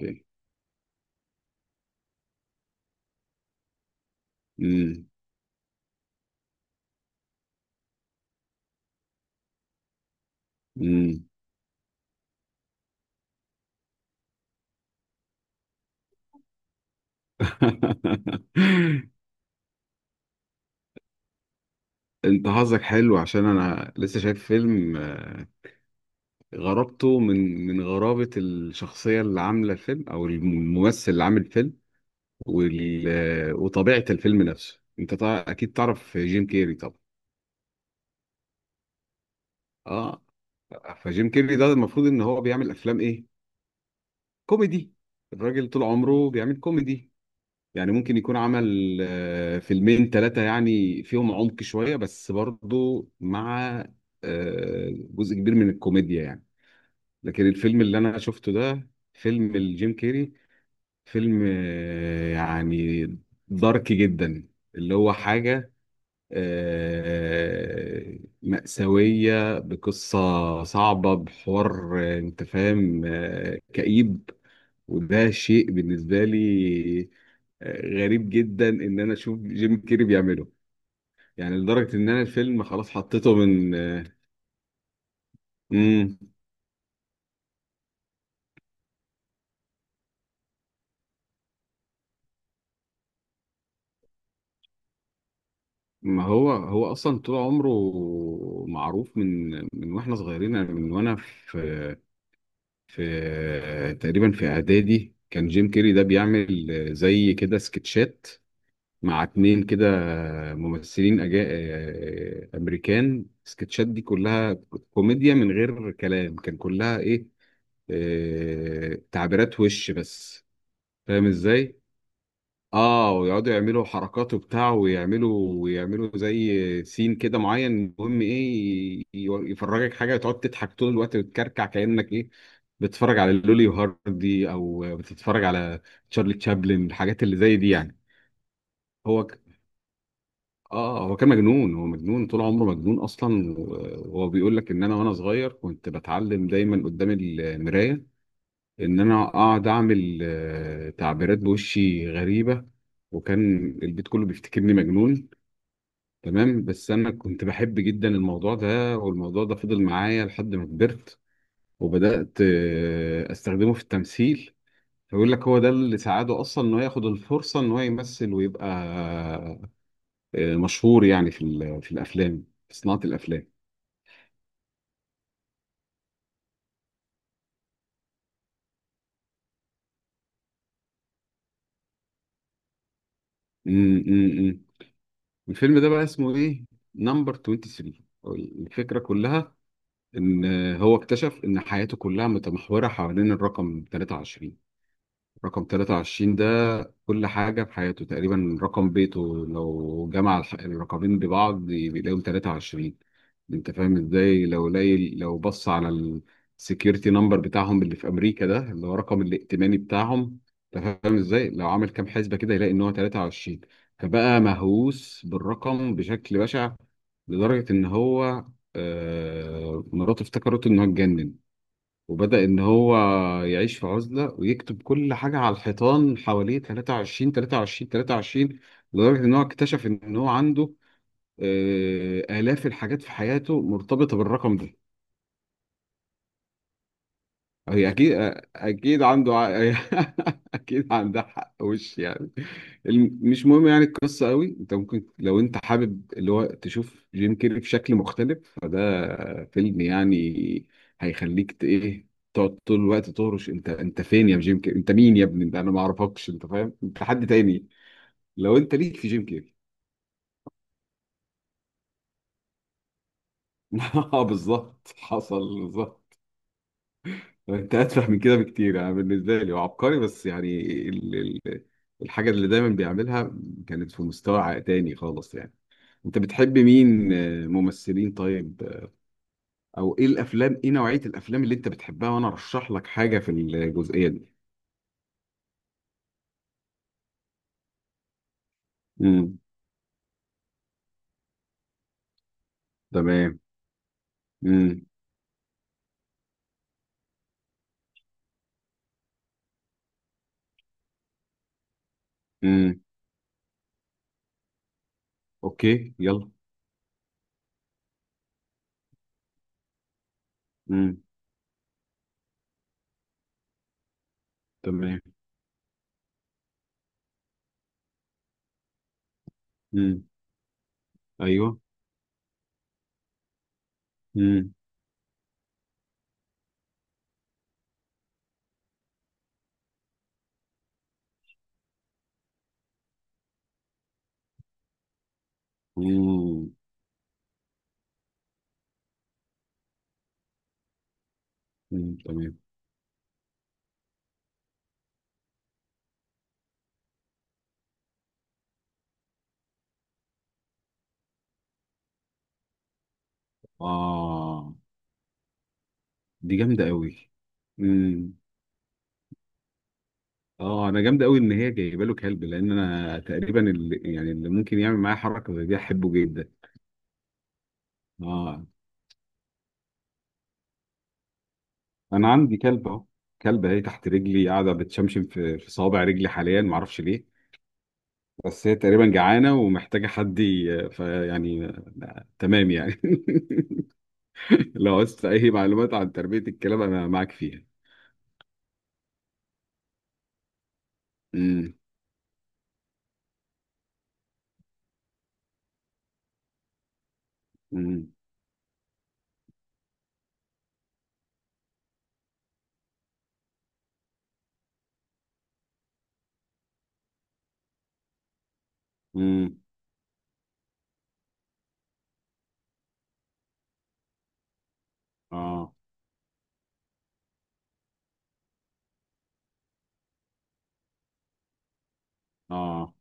اوكي. امم. امم. انت حظك حلو عشان انا لسه شايف فيلم غرابته من غرابة الشخصية اللي عاملة الفيلم او الممثل اللي عامل الفيلم وال... آه، وطبيعة الفيلم نفسه. انت طبعا اكيد تعرف جيم كيري طبعا. اه. فجيم كيري ده المفروض ان هو بيعمل افلام ايه؟ كوميدي. الراجل طول عمره بيعمل كوميدي، يعني ممكن يكون عمل فيلمين ثلاثة يعني فيهم عمق شوية، بس برضو مع جزء كبير من الكوميديا يعني. لكن الفيلم اللي أنا شفته ده فيلم الجيم كيري، فيلم يعني دارك جدا، اللي هو حاجة مأساوية، بقصة صعبة، بحوار أنت فاهم، كئيب. وده شيء بالنسبة لي غريب جدا ان انا اشوف جيم كيري بيعمله. يعني لدرجه ان انا الفيلم خلاص حطيته من. امم. ما هو هو اصلا طول عمره معروف من واحنا صغيرين، يعني من وانا في في تقريبا في اعدادي كان جيم كيري ده بيعمل زي كده سكتشات مع اتنين كده ممثلين أجا... آه، امريكان. السكتشات دي كلها كوميديا من غير كلام، كان كلها ايه؟ تعبيرات وش بس، فاهم ازاي؟ اه، ويقعدوا يعملوا حركات وبتاع، ويعملوا ويعملوا زي سين كده معين، المهم ايه؟ يفرجك حاجه تقعد تضحك طول الوقت وتكركع كانك ايه، بتتفرج على لولي وهاردي او بتتفرج على تشارلي تشابلن، الحاجات اللي زي دي يعني. هو اه هو كان مجنون، هو مجنون طول عمره مجنون اصلا. وهو بيقول لك ان انا وانا صغير كنت بتعلم دايما قدام المرايه ان انا اقعد اعمل تعبيرات بوشي غريبه، وكان البيت كله بيفتكرني مجنون. تمام، بس انا كنت بحب جدا الموضوع ده، والموضوع ده فضل معايا لحد ما كبرت وبدات استخدمه في التمثيل. فيقول لك هو ده اللي ساعده اصلا انه ياخد الفرصه ان هو يمثل ويبقى مشهور يعني في في الافلام، في صناعه الافلام. امم. امم. الفيلم ده بقى اسمه ايه؟ نمبر 23. الفكره كلها ان هو اكتشف ان حياته كلها متمحوره حوالين الرقم 23. رقم 23 ده، كل حاجة في حياته تقريبا رقم بيته، لو جمع الرقمين ببعض بيلاقيهم 23. انت فاهم ازاي؟ لو لاقي، لو بص على السكيورتي نمبر بتاعهم اللي في امريكا ده، اللي هو رقم الائتماني بتاعهم، انت فاهم ازاي؟ لو عامل كام حسبة كده يلاقي ان هو 23. فبقى مهووس بالرقم بشكل بشع، لدرجة ان هو مراته افتكرته ان هو اتجنن. وبدأ إن هو يعيش في عزلة ويكتب كل حاجة على الحيطان حواليه: 23، 23، 23. لدرجة إن هو اكتشف إن هو عنده آلاف الحاجات في حياته مرتبطة بالرقم ده. هي اكيد، اكيد عنده اكيد عندها حق، وش يعني. مش مهم يعني القصه قوي. انت ممكن لو انت حابب اللي هو تشوف جيم كيري في شكل مختلف، فده فيلم يعني هيخليك ايه تقعد طول الوقت تهرش: انت فين يا جيم كيري، انت مين يا ابني، ده انا ما اعرفكش، انت فاهم انت حد تاني. لو انت ليك في جيم كيري. اه، بالظبط حصل بالظبط. انت اتفه من كده بكتير. انا بالنسبه لي هو عبقري بس يعني ال... ال... الحاجه اللي دايما بيعملها كانت في مستوى تاني خالص يعني. انت بتحب مين ممثلين؟ طيب، او ايه الافلام، ايه نوعيه الافلام اللي انت بتحبها وانا ارشح لك حاجه في الجزئيه دي؟ امم. تمام. امم. امم. اوكي، يلا. امم. تمام. امم. ايوه. امم. امم. تمام. اه. دي جامده قوي. اه، انا جامد قوي ان هي جايبه له كلب، لان انا تقريبا اللي يعني اللي ممكن يعمل معايا حركه زي دي احبه جدا. اه، انا عندي كلب اهو، كلبه اهي تحت رجلي قاعده بتشمشم في صوابع رجلي حاليا، ما اعرفش ليه. بس هي تقريبا جعانه ومحتاجه حد فيعني تمام يعني. لو عايز اي معلومات عن تربيه الكلاب انا معاك فيها. امم. امم. امم. اه. اه.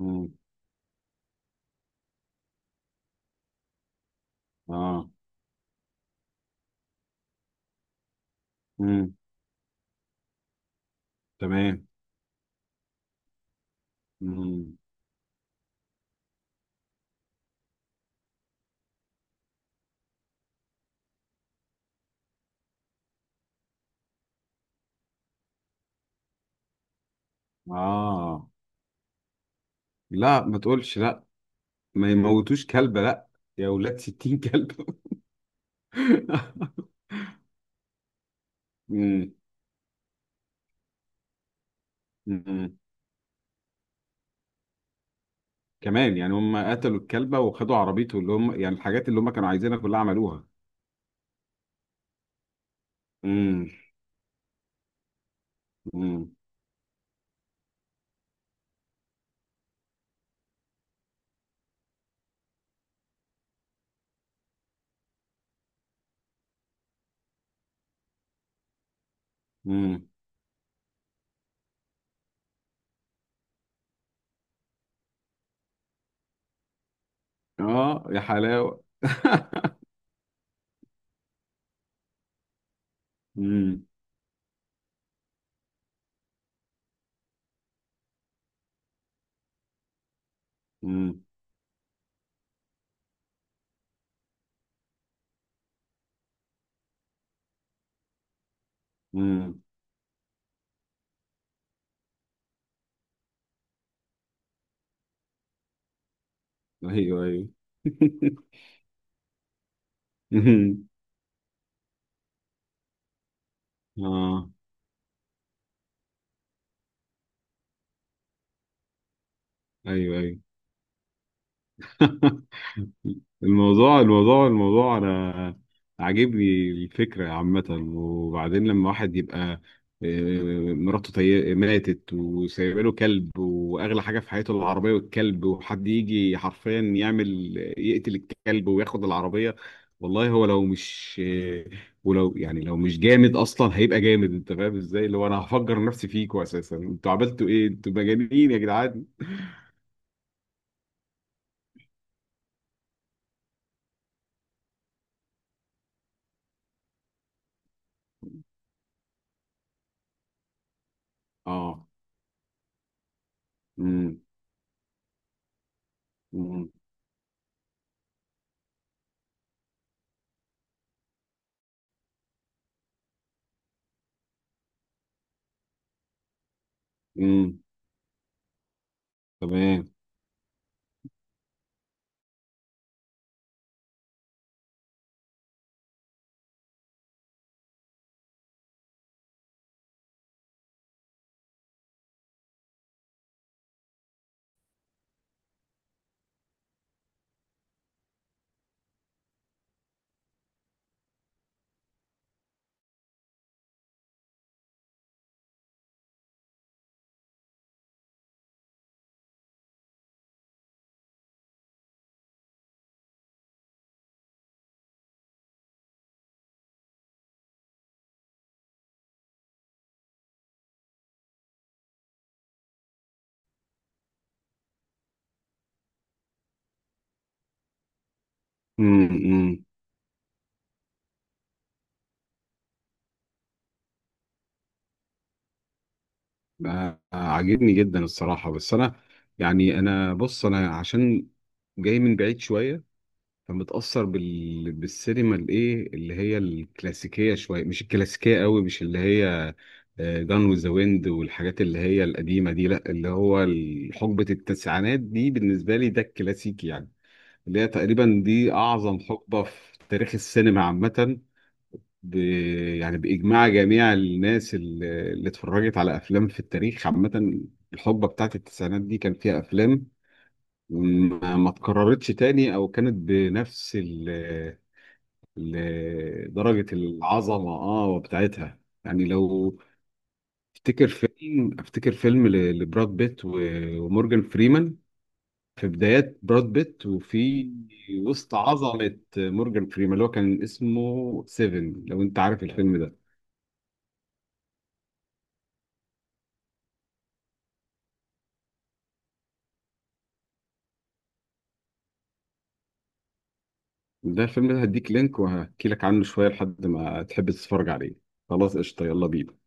امم. اه. امم. تمام. امم. اه. لا، ما تقولش لا. ما يموتوش كلب لا، يا ولاد 60 كلب. مم. مم. كمان يعني هم قتلوا الكلبة وخدوا عربيته، اللي هم يعني الحاجات اللي هم كانوا عايزينها كلها عملوها. مم. مم. مم. اه، يا حلاوة. مم. مم. مم. ايوه ايوه. مم. اه. ايوه ايوه. الموضوع انا عاجبني، الفكره عامه. وبعدين لما واحد يبقى مراته ماتت وسايبه له كلب، واغلى حاجه في حياته العربيه والكلب، وحد يجي حرفيا يعمل يقتل الكلب وياخد العربيه، والله هو لو مش ولو يعني لو مش جامد اصلا هيبقى جامد. انت فاهم ازاي اللي هو انا هفجر نفسي فيكوا اساسا، انتوا عملتوا ايه، انتوا مجانين يا جدعان. اه. امم. امم. أمم. تمام. امم. عاجبني جدا الصراحة، بس أنا يعني أنا، بص أنا عشان جاي من بعيد شوية، فمتأثر بالسينما الإيه اللي هي الكلاسيكية شوية، مش الكلاسيكية قوي، مش اللي هي جان وذ ذا ويند والحاجات اللي هي القديمة دي، لأ اللي هو حقبة التسعينات دي بالنسبة لي ده الكلاسيكي يعني. اللي هي تقريبا دي أعظم حقبة في تاريخ السينما عامة، ب... يعني بإجماع جميع الناس اللي اتفرجت على أفلام في التاريخ عامة. الحقبة بتاعت التسعينات دي كان فيها أفلام ما اتكررتش تاني، أو كانت بنفس درجة العظمة بتاعتها يعني. لو افتكر فيلم لبراد بيت ومورجان فريمان، في بدايات براد بيت وفي وسط عظمة مورجان فريمان، اللي هو كان اسمه سيفن، لو انت عارف الفيلم ده. ده الفيلم ده هديك لينك وهحكي لك عنه شوية لحد ما تحب تتفرج عليه. خلاص قشطة، يلا بينا.